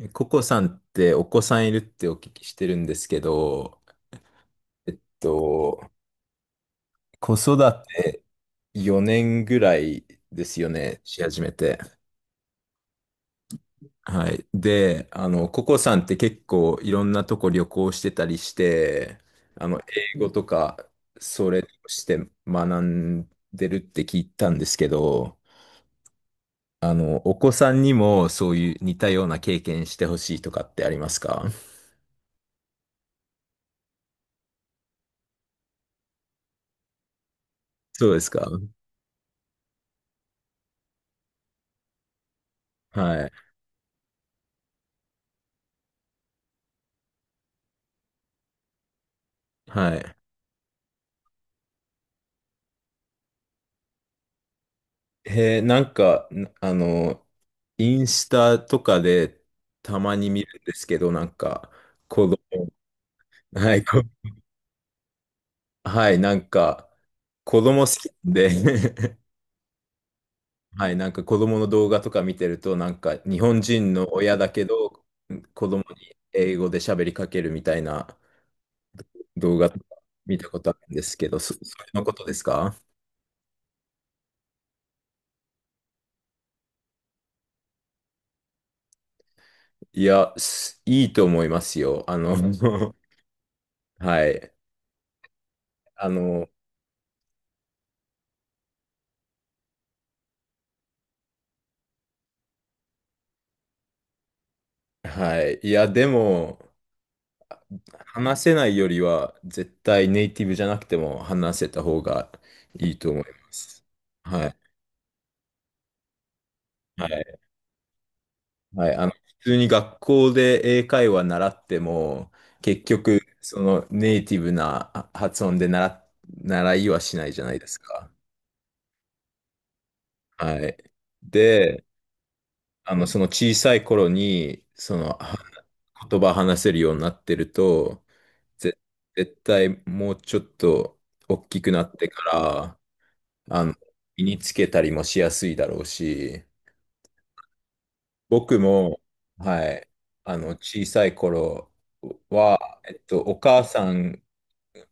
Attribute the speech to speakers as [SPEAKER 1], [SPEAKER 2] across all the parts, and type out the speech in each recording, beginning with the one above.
[SPEAKER 1] ココさんってお子さんいるってお聞きしてるんですけど、えっと、子育て4年ぐらいですよね、し始めて。はい。で、ココさんって結構いろんなとこ旅行してたりして、あの、英語とか、それとして学んでるって聞いたんですけど、お子さんにもそういう似たような経験してほしいとかってありますか？そうですか？はい。はい。へえ、インスタとかでたまに見るんですけど、子供、はい、こはい、子供好きなんで。 はい、なんか子供の動画とか見てると、なんか、日本人の親だけど、子供に英語で喋りかけるみたいな動画とか見たことあるんですけど、それのことですか？いや、すいいと思いますよ。はい、あの、はい、いや、でも、話せないよりは、絶対ネイティブじゃなくても話せた方がいいと思います。はい。はい。はい。あの、普通に学校で英会話習っても、結局、そのネイティブなあ発音で習いはしないじゃないですか。はい。で、あの、その小さい頃に、言葉話せるようになってると、ぜ、絶対もうちょっと大きくなってから、あの、身につけたりもしやすいだろうし、僕も、はい、あの、小さい頃は、お母さん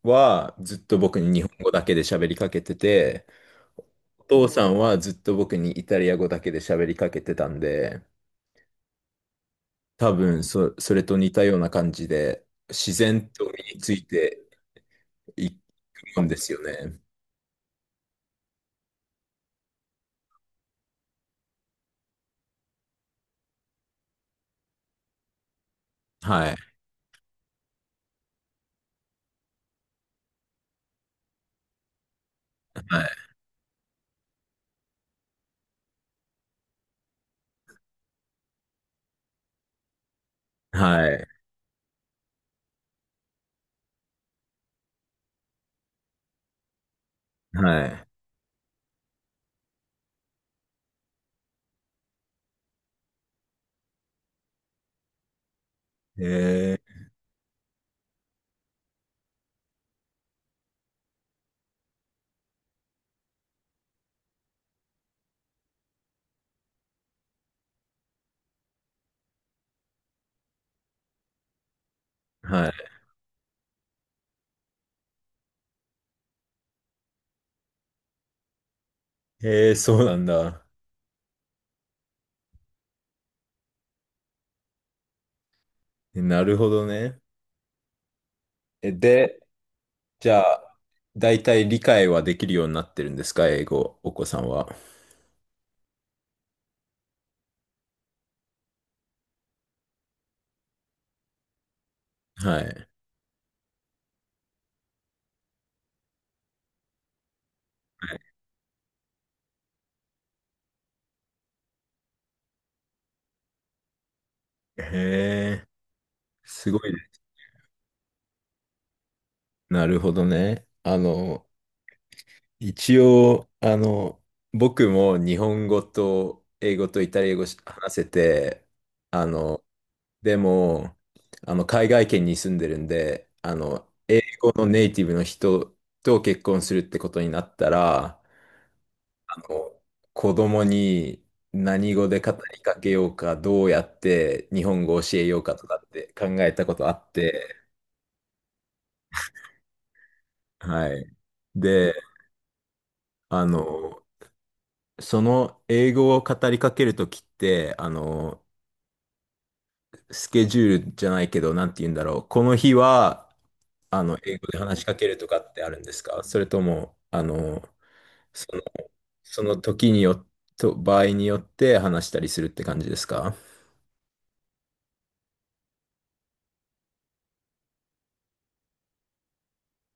[SPEAKER 1] はずっと僕に日本語だけで喋りかけてて、お父さんはずっと僕にイタリア語だけで喋りかけてたんで、多分それと似たような感じで、自然と身についていくもんですよね。はい、はい、はい、はい。えー、はい。ええ、そうなんだ。えなるほどね。え、で、じゃあ、大体理解はできるようになってるんですか、英語、お子さんは。はい。へえ、すごいです。なるほどね。あの、一応、あの、僕も日本語と英語とイタリア語し話せて、あの、でも、あの、海外圏に住んでるんで、あの、このネイティブの人と結婚するってことになったら、こう子供に何語で語りかけようか、どうやって日本語を教えようかとかって考えたことあって、はい。で、あの、その英語を語りかけるときって、あの、スケジュールじゃないけど、なんて言うんだろう。この日は、あの、英語で話しかけるとかってあるんですか？それとも、あの、その、その時によ、と、場合によって話したりするって感じですか？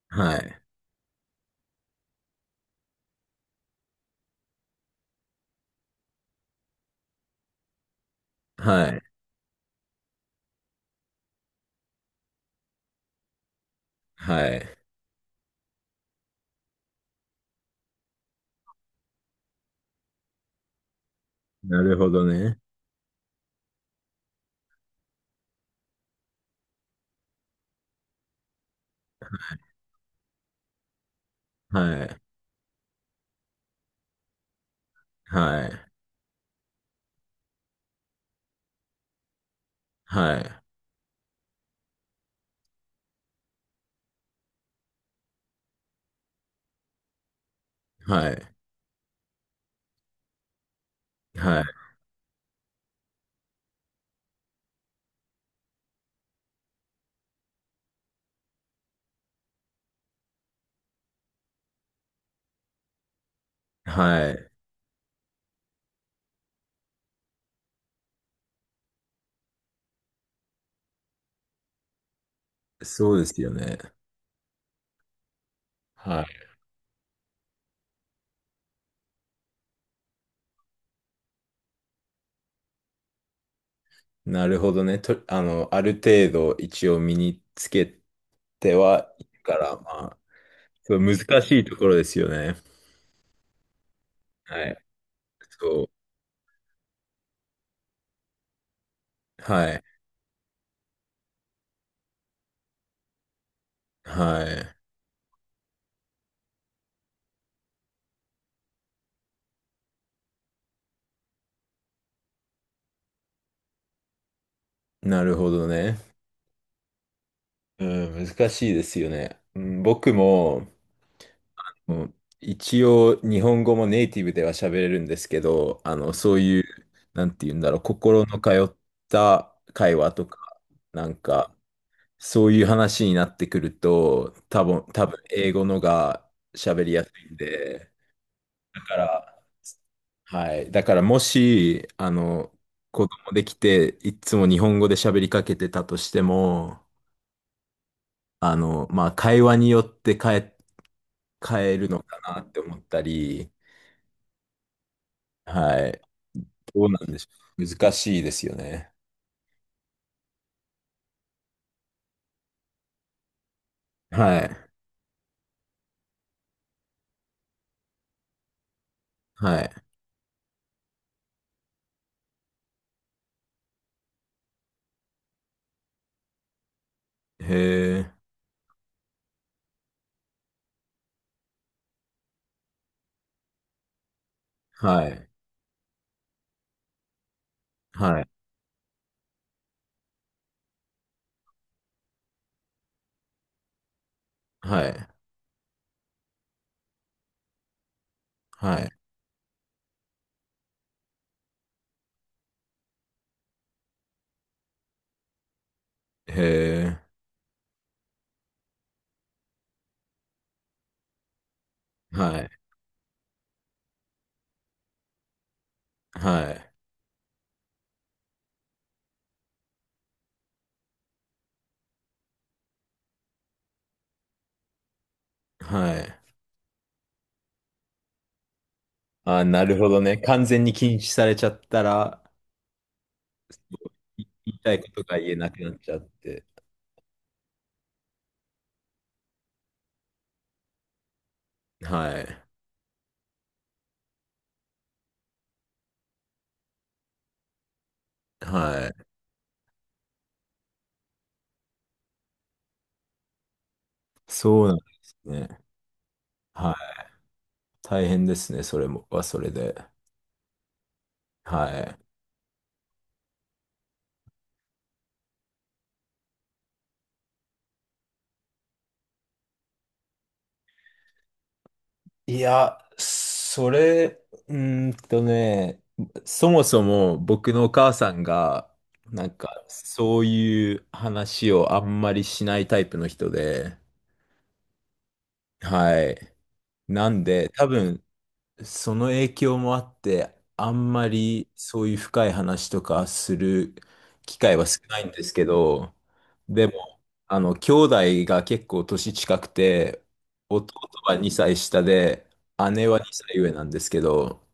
[SPEAKER 1] はい。はい。はい。なるほどね。はい。はい。はい。はい。はい。はい。そうですよね。はい。なるほどね。と、あの、ある程度一応身につけてはいるから、まあ、そう難しいところですよね。はい。そう。はい。はい。なるほどね。うん、難しいですよね。うん、僕も、もう一応日本語もネイティブでは喋れるんですけど、あの、そういう、なんて言うんだろう、心の通った会話とか、なんか、そういう話になってくると、多分英語のが喋りやすいんで、だから、はい。だからもし、あの、子供できて、いつも日本語で喋りかけてたとしても、あの、まあ、会話によって変え、変えるのかなって思ったり、はい。どうなんでしょう。難しいですよね。はい。はい。へえ。はい。はい。はい。はい。へえ。はい。はい。はい。あなるほどね。完全に禁止されちゃったら、い言いたいことが言えなくなっちゃって。はい。はい。そうなんですね。はい。大変ですね。それも、はそれで。はい。いや、それ、うーんとね、そもそも僕のお母さんが、なんか、そういう話をあんまりしないタイプの人で、はい。なんで、多分、その影響もあって、あんまりそういう深い話とかする機会は少ないんですけど、でも、あの、兄弟が結構年近くて、弟は2歳下で、姉は2歳上なんですけど、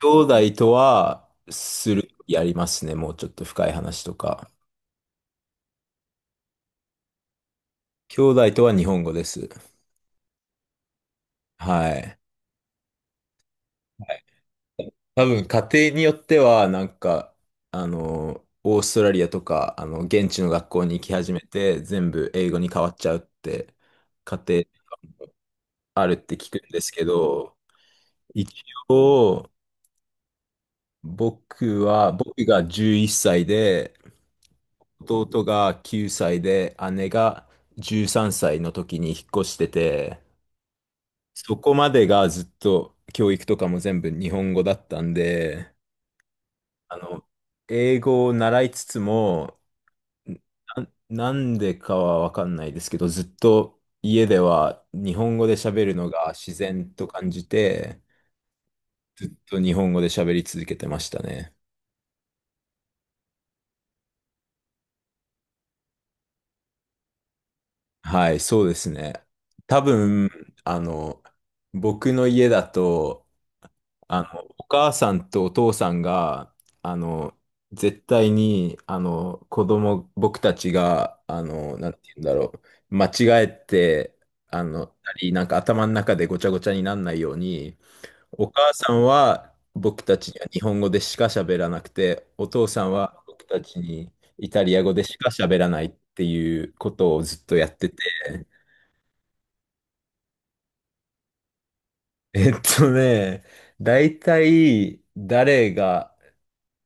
[SPEAKER 1] 兄弟とはする、やりますね、もうちょっと深い話とか。兄弟とは日本語です。はい。多分家庭によってはなんかあのオーストラリアとかあの現地の学校に行き始めて全部英語に変わっちゃうって家庭あるって聞くんですけど、一応僕は僕が11歳で弟が9歳で姉が13歳の時に引っ越してて、そこまでがずっと教育とかも全部日本語だったんで、あの、英語を習いつつもなんでかはわかんないですけど、ずっと家では日本語で喋るのが自然と感じて、ずっと日本語で喋り続けてましたね。はい、そうですね。多分、あの、僕の家だと、あの、お母さんとお父さんが、あの、絶対に、あの、子供、僕たちが、あの、なんて言うんだろう、間違えて、あの、たりなんか頭の中でごちゃごちゃにならないように、お母さんは僕たちには日本語でしか喋らなくて、お父さんは僕たちにイタリア語でしか喋らないっていうことをずっとやってて、えっとね、大体誰が、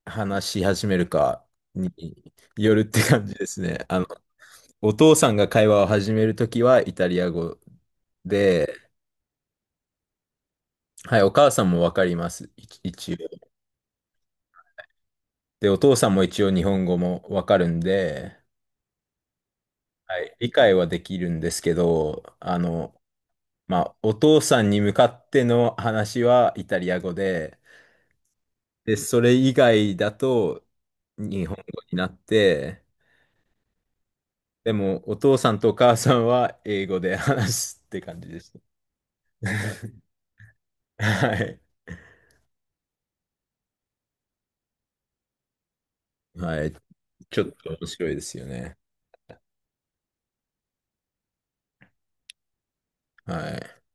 [SPEAKER 1] 話し始めるかによるって感じですね。あの、お父さんが会話を始めるときはイタリア語で、はい、お母さんもわかります。一応。で、お父さんも一応日本語もわかるんで、はい、理解はできるんですけど、あの、まあ、お父さんに向かっての話はイタリア語で、で、それ以外だと日本語になって、でも、お父さんとお母さんは英語で話すって感じです。はい。はい。ちょっと面白いですよね。はい。